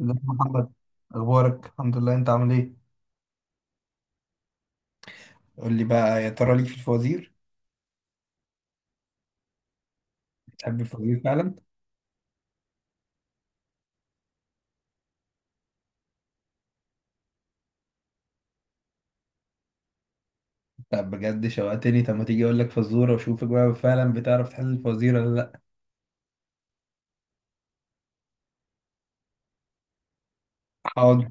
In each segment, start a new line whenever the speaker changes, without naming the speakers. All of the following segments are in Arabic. ازيك يا محمد. اخبارك؟ الحمد لله، انت عامل ايه؟ قول لي بقى، يا ترى ليك في الفوازير؟ بتحب الفوازير فعلا؟ طب بجد شوقتني، طب ما تيجي اقول لك فزوره واشوفك بقى فعلا بتعرف تحل الفوازير ولا لا؟ حاضر.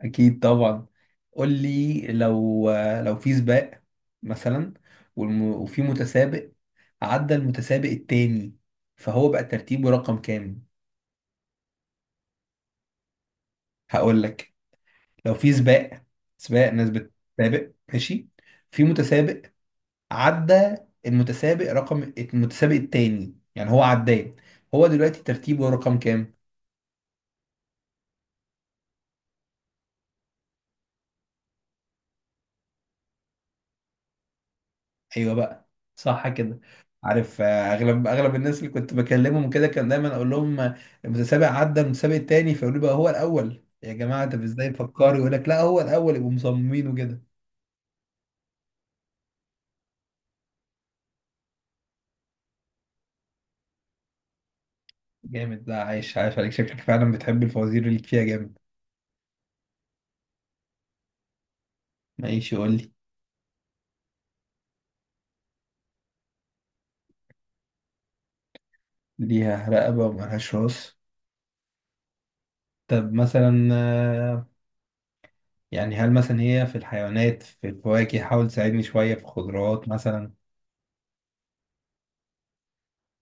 اكيد طبعا. قول لي، لو في سباق مثلا، وفي متسابق عدى المتسابق التاني، فهو بقى ترتيبه رقم كام؟ هقول لك. لو في سباق، سباق ناس بتسابق ماشي. في متسابق عدى المتسابق المتسابق التاني، يعني هو عداه. هو دلوقتي ترتيبه رقم كام؟ ايوه بقى، صح كده. عارف، اغلب الناس اللي كنت بكلمهم كده كان دايما اقول لهم المتسابق عدى المتسابق التاني، فيقولوا لي بقى هو الاول يا جماعه. طب ازاي فكروا؟ يقول لك لا هو الاول، يبقوا مصممين وكده. جامد. لا عايش عايش عليك، شكلك فعلا بتحب الفوازير اللي فيها جامد. ماشي، قول لي. ليها رقبه وملهاش راس؟ طب مثلا، يعني هل مثلا هي في الحيوانات، في الفواكه؟ حاول تساعدني شوية، في الخضروات مثلا؟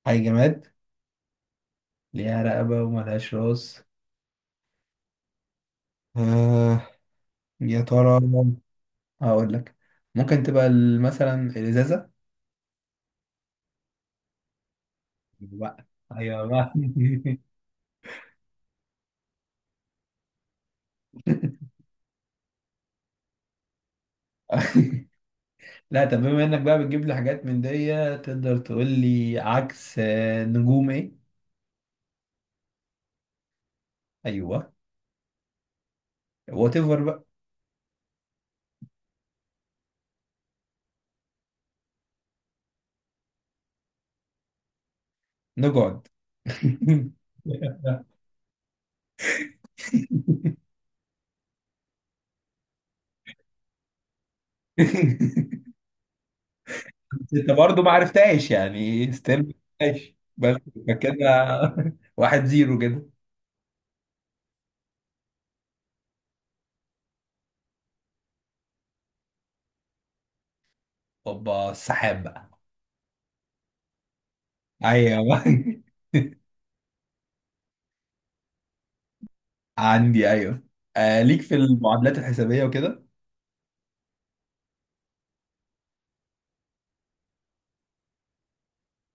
أي جماد، ليها رقبة وملهاش راس؟ آه، يا ترى. هقول لك، ممكن تبقى مثلا الإزازة. بقى أيوة بقى. لا طب بما إنك بقى بتجيب لي حاجات من دي، تقدر تقول لي عكس نجوم إيه؟ أيوه. وات ايفر بقى. نقعد. انت برضه ما عرفتهاش، يعني ستيل ما عرفتهاش بس. فكده. واحد زيرو كده. اوبا، السحاب بقى. ايوه. عندي، ايوه. آه، ليك في المعادلات الحسابيه وكده؟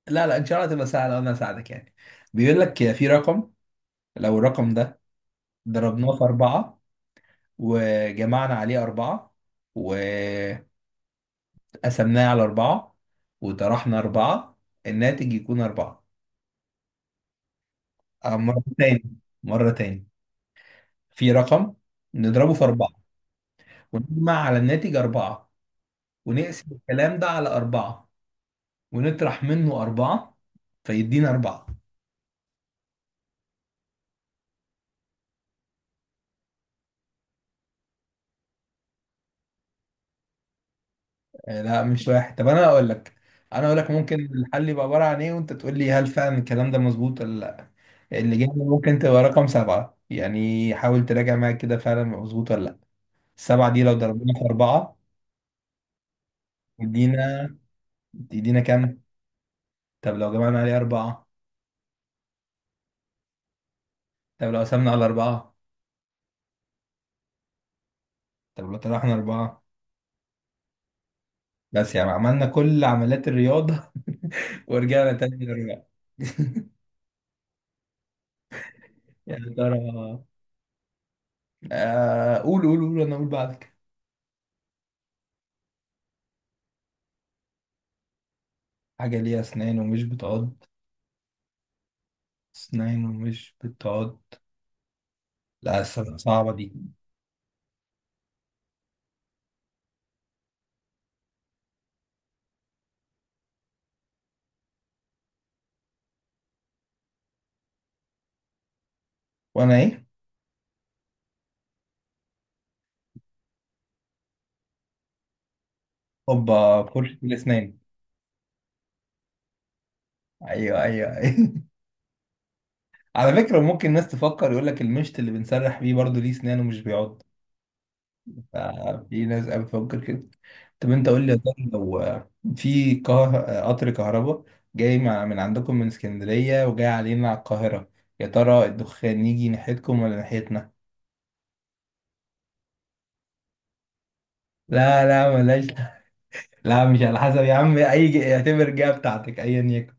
لا لا ان شاء الله تبقى سهله وانا اساعدك يعني. بيقول لك في رقم، لو الرقم ده ضربناه في أربعة، وجمعنا عليه أربعة، وقسمناه على أربعة، وطرحنا أربعة، الناتج يكون أربعة. مرة تاني، مرة تاني. في رقم نضربه في أربعة، ونجمع على الناتج أربعة، ونقسم الكلام ده على أربعة، ونطرح منه أربعة، فيدينا أربعة. لا مش واحد. طب أنا أقول لك ممكن الحل يبقى عبارة عن إيه وأنت تقول لي هل فعلا الكلام ده مظبوط ولا لأ. الإجابة ممكن تبقى رقم سبعة، يعني حاول تراجع معاك كده فعلا مظبوط ولا لأ. السبعة دي لو ضربناها في أربعة، يدينا يدينا كام؟ طب لو جمعنا عليه أربعة؟ طب لو قسمنا على أربعة؟ طب لو طرحنا أربعة؟ بس، يعني عملنا كل عمليات الرياضة ورجعنا تاني للرجعة. يا ترى، قول قول قول، انا اقول بعدك. حاجة ليها اسنان ومش بتعض؟ اسنان ومش بتعض؟ لا الصراحة صعبة دي. وانا ايه؟ هوبا، فرشة الاسنان. ايوه ايوه ايوه. على فكرة ممكن الناس تفكر، يقول لك المشط اللي بنسرح بيه برضه ليه اسنان ومش بيعض. آه، في ناس قوي بتفكر كده. طب انت قول لي، يا ترى لو في قطر كهرباء جاي من عندكم من اسكندرية وجاي علينا على القاهرة، يا ترى الدخان يجي ناحيتكم ولا ناحيتنا؟ لا لا ملاش. لا مش على حسب يا عم، اي اعتبر جهة بتاعتك ايا يكن.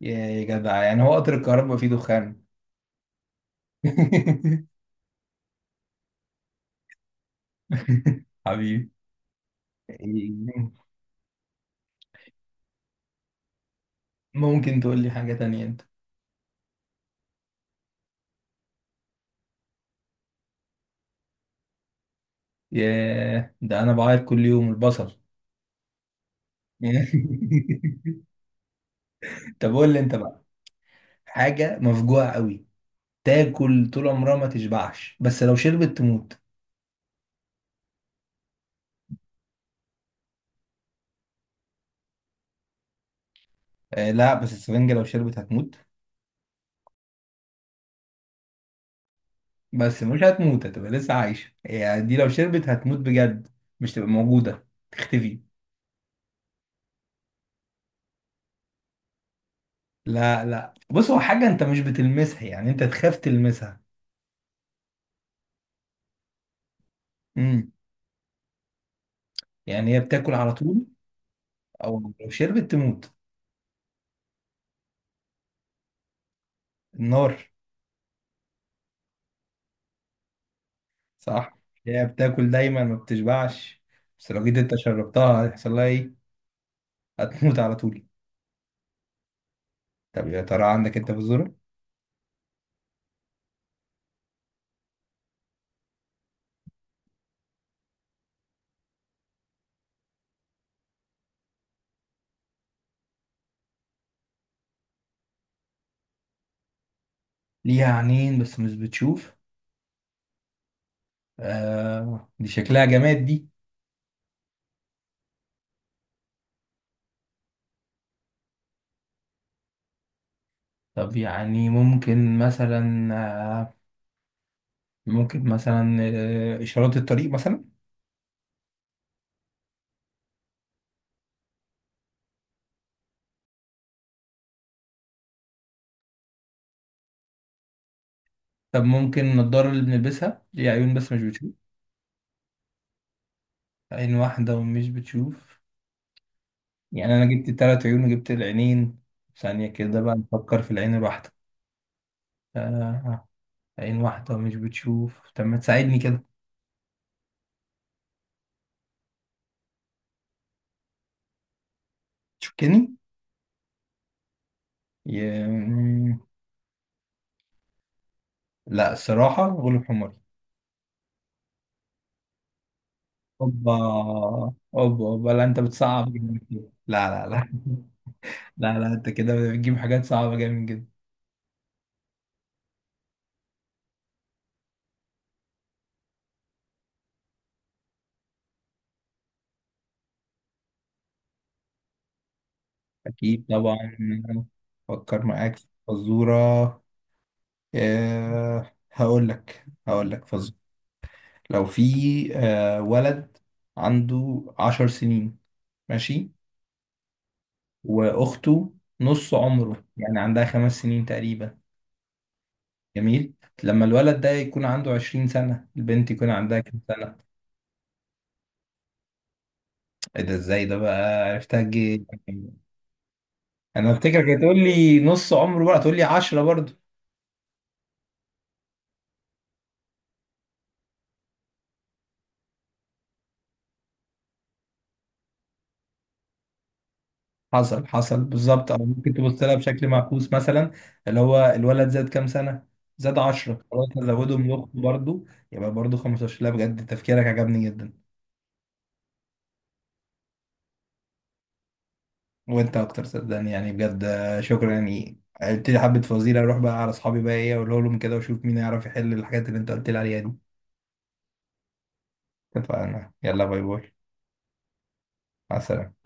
يا جدع، يعني هو قطر الكهرباء فيه دخان؟ حبيبي. ممكن تقول لي حاجة تانية انت. ياه، ده انا بعيط كل يوم، البصل. طب قول لي انت بقى. حاجة مفجوعة قوي، تاكل طول عمرها ما تشبعش، بس لو شربت تموت. آه لا، بس السفنجة لو شربت هتموت. بس مش هتموت، هتبقى لسه عايشة، يعني دي لو شربت هتموت بجد، مش تبقى موجودة، تختفي. لا لا بص، هو حاجة انت مش بتلمسها، يعني انت تخاف تلمسها. امم. يعني هي بتاكل على طول، او لو شربت تموت. النار. صح. هي بتاكل دايما ما بتشبعش، بس لو جيت انت شربتها هيحصل لها ايه؟ هتموت على طول. طب يا ترى عندك انت في الزرع؟ ليها عينين بس مش بتشوف؟ آه، دي شكلها جماد دي. طب يعني ممكن مثلا، آه، ممكن مثلا، آه، إشارات الطريق مثلا؟ طب ممكن النضارة اللي بنلبسها، ليها عيون بس مش بتشوف. عين واحدة ومش بتشوف؟ يعني أنا جبت التلات عيون وجبت العينين، ثانية كده بقى نفكر في العين الواحدة. آه، عين واحدة ومش بتشوف، طب ما تساعدني كده. تشكني؟ ي... لا الصراحة غلب حماري. اوبا، اوبا اوبا، لا انت بتصعب جامد كده، لا لا لا. لا لا، انت كده بتجيب حاجات صعبة جامد جدا. اكيد طبعا. فكر معاك في فزورة. أه، هقول لك فزورة. لو في، أه، ولد عنده عشر سنين ماشي، واخته نص عمره، يعني عندها خمس سنين تقريبا. جميل. لما الولد ده يكون عنده عشرين سنة، البنت يكون عندها كام سنة؟ ايه ده، ازاي ده بقى عرفتها جه؟ انا افتكرك هتقول لي نص عمره بقى، تقول لي 10 برضه. حصل حصل بالظبط، او ممكن تبص لها بشكل معكوس مثلا، اللي هو الولد زاد كام سنه؟ زاد 10، خلاص نزودهم لاخته برضه، يبقى برضه 15. لا بجد تفكيرك عجبني جدا. وانت اكتر صدقني، يعني بجد، آه، شكرا. يعني قلت لي حبه فوازير، اروح بقى على اصحابي بقى، ايه اقول لهم كده واشوف مين يعرف يحل الحاجات اللي انت قلت لي عليها دي. اتفقنا، يلا، باي باي. مع السلامه.